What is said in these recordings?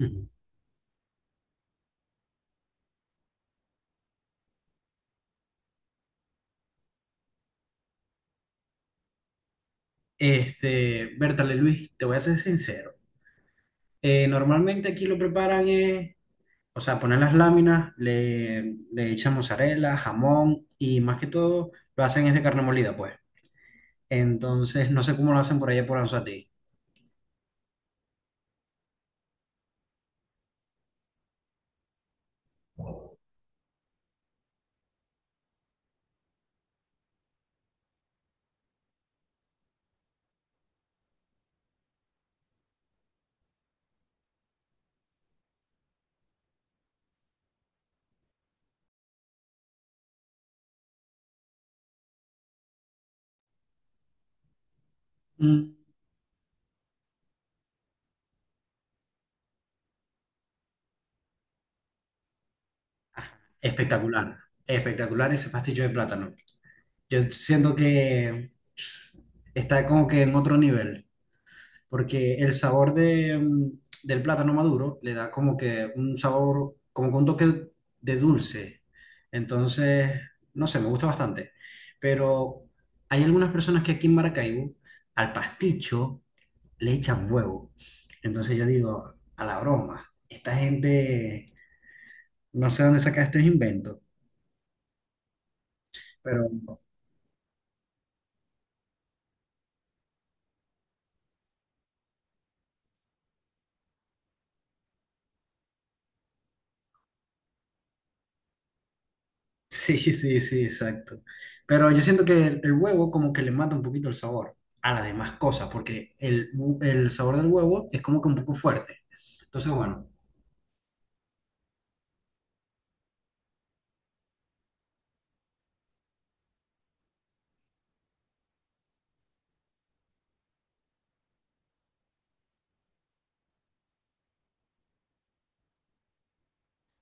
Ujú. Bertale Luis, te voy a ser sincero. Normalmente aquí lo preparan, o sea, ponen las láminas, le echan mozzarella, jamón y más que todo lo hacen es de carne molida, pues. Entonces, no sé cómo lo hacen por allá por Anzoátegui. Mm, ajá, espectacular, espectacular ese pastillo de plátano. Yo siento que está como que en otro nivel, porque el sabor de, del plátano maduro le da como que un sabor, como que un toque de dulce. Entonces, no sé, me gusta bastante. Pero hay algunas personas que aquí en Maracaibo, al pasticho, le echan huevo. Entonces yo digo, a la broma, esta gente, no sé dónde saca estos inventos, pero sí, sí, sí, exacto. Pero yo siento que el huevo como que le mata un poquito el sabor a las demás cosas, porque el sabor del huevo es como que un poco fuerte. Entonces, bueno,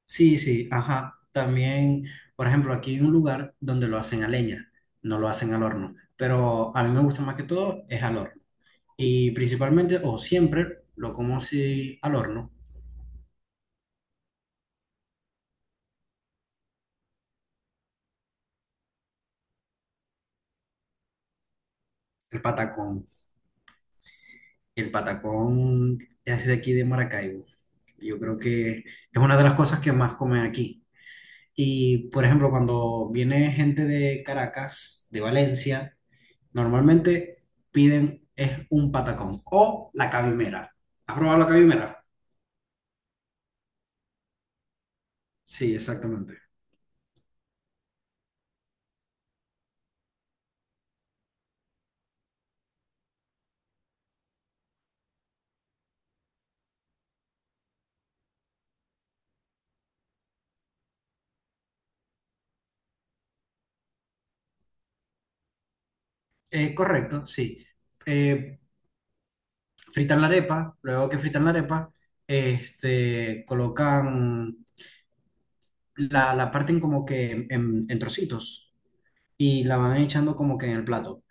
sí, sí, ajá. También, por ejemplo, aquí hay un lugar donde lo hacen a leña, no lo hacen al horno, pero a mí me gusta más que todo es al horno. Y principalmente o siempre lo como si al horno, el patacón. El patacón es de aquí de Maracaibo. Yo creo que es una de las cosas que más comen aquí. Y, por ejemplo, cuando viene gente de Caracas, de Valencia, normalmente piden es un patacón o la cabimera. ¿Has probado la cabimera? Sí, exactamente. Correcto, sí. Eh, Fritan la arepa, luego que fritan la arepa, colocan la parten como que en trocitos y la van echando como que en el plato.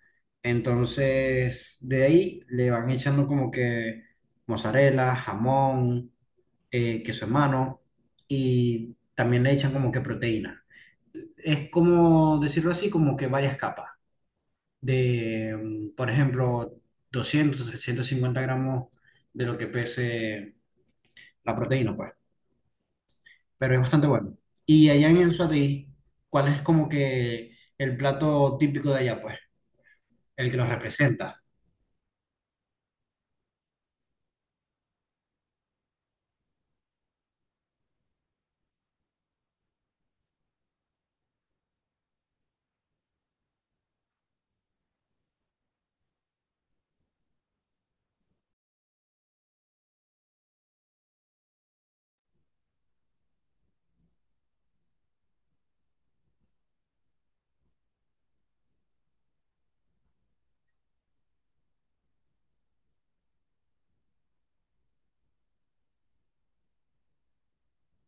Entonces, de ahí le van echando como que mozzarella, jamón, queso en mano y también le echan como que proteína. Es como decirlo así, como que varias capas de, por ejemplo, 200, 350 gramos de lo que pese la proteína, pues. Pero es bastante bueno. Y allá en Anzoátegui, ¿cuál es como que el plato típico de allá, pues? El que los representa.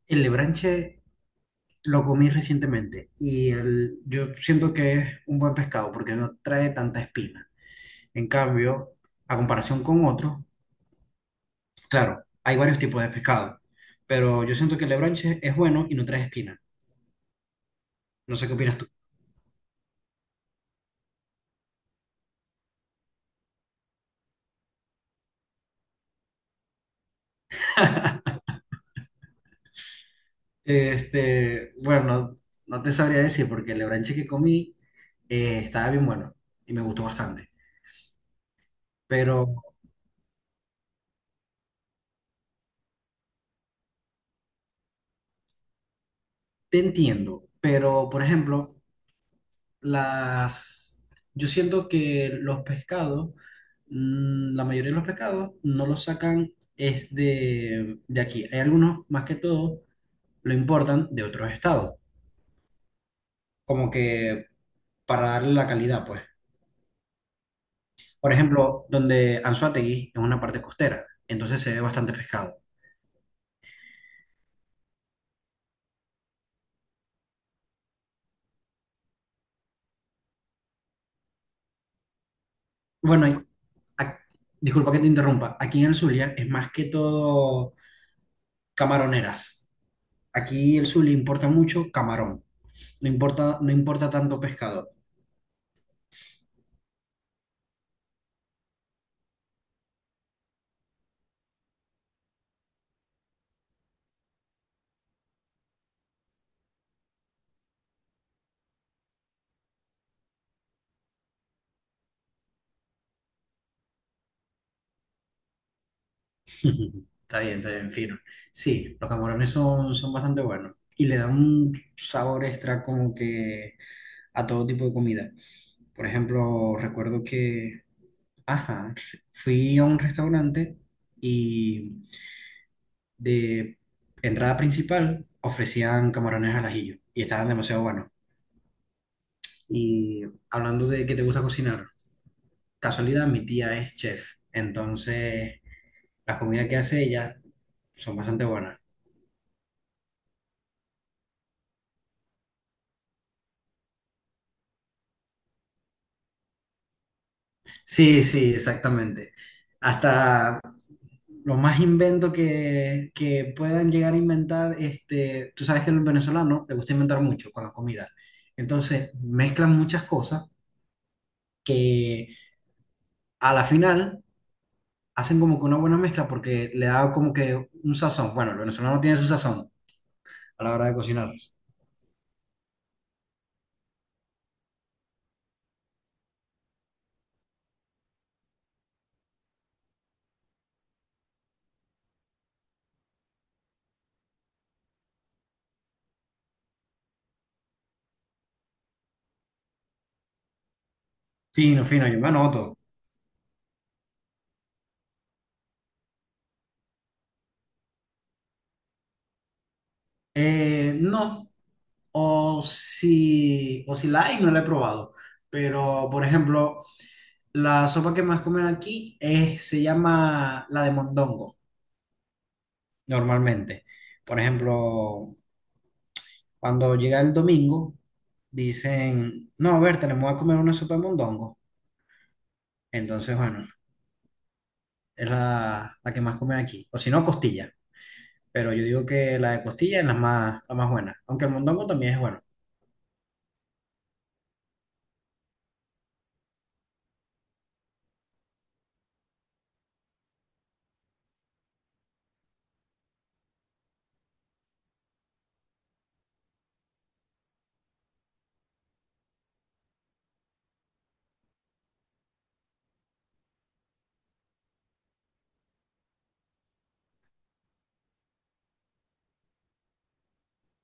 El lebranche lo comí recientemente y yo siento que es un buen pescado porque no trae tanta espina. En cambio, a comparación con otros, claro, hay varios tipos de pescado, pero yo siento que el lebranche es bueno y no trae espina. No sé qué opinas tú. Bueno, no te sabría decir porque el lebranche que comí estaba bien bueno y me gustó bastante. Pero te entiendo. Pero, por ejemplo, las, yo siento que los pescados, la mayoría de los pescados no los sacan es de aquí. Hay algunos, más que todo, lo importan de otros estados, como que para darle la calidad, pues. Por ejemplo, donde Anzoátegui es una parte costera, entonces se ve bastante pescado. Bueno, ac- disculpa que te interrumpa, aquí en el Zulia es más que todo camaroneras. Aquí el Zulia importa mucho camarón, no importa, no importa tanto pescado. Está bien, fino. Sí, los camarones son, son bastante buenos y le dan un sabor extra como que a todo tipo de comida. Por ejemplo, recuerdo que, ajá, fui a un restaurante y de entrada principal ofrecían camarones al ajillo y estaban demasiado buenos. Y hablando de que te gusta cocinar, casualidad, mi tía es chef, entonces las comidas que hace ella son bastante buenas. Sí, sí, exactamente. Hasta lo más invento que puedan llegar a inventar, tú sabes que el venezolano le gusta inventar mucho con la comida. Entonces mezclan muchas cosas que a la final hacen como que una buena mezcla porque le da como que un sazón. Bueno, el venezolano tiene su sazón a la hora de cocinar. Fino, fino, yo me anoto. No. O si la hay, no la he probado. Pero, por ejemplo, la sopa que más comen aquí es, se llama la de mondongo, normalmente. Por ejemplo, cuando llega el domingo, dicen, no, a ver, tenemos a comer una sopa de mondongo. Entonces, bueno, es la que más comen aquí. O si no, costilla. Pero yo digo que la de costilla es la más buena. Aunque el mondongo también es bueno.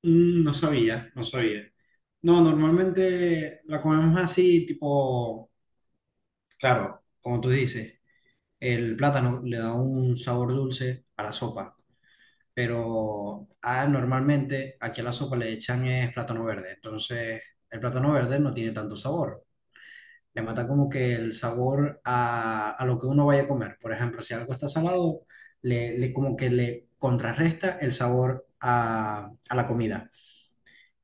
Mm, no sabía, no sabía. No, normalmente la comemos así, tipo, claro, como tú dices, el plátano le da un sabor dulce a la sopa, pero ah, normalmente aquí a la sopa le echan es plátano verde, entonces el plátano verde no tiene tanto sabor, le mata como que el sabor a lo que uno vaya a comer. Por ejemplo, si algo está salado, como que le contrarresta el sabor a la comida.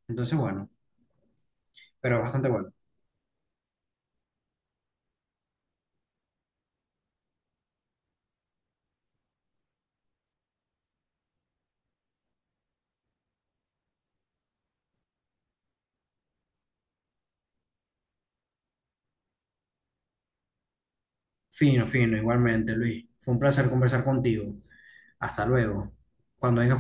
Entonces, bueno, pero bastante bueno. Fino, fino, igualmente, Luis. Fue un placer conversar contigo. Hasta luego. Cuando vengas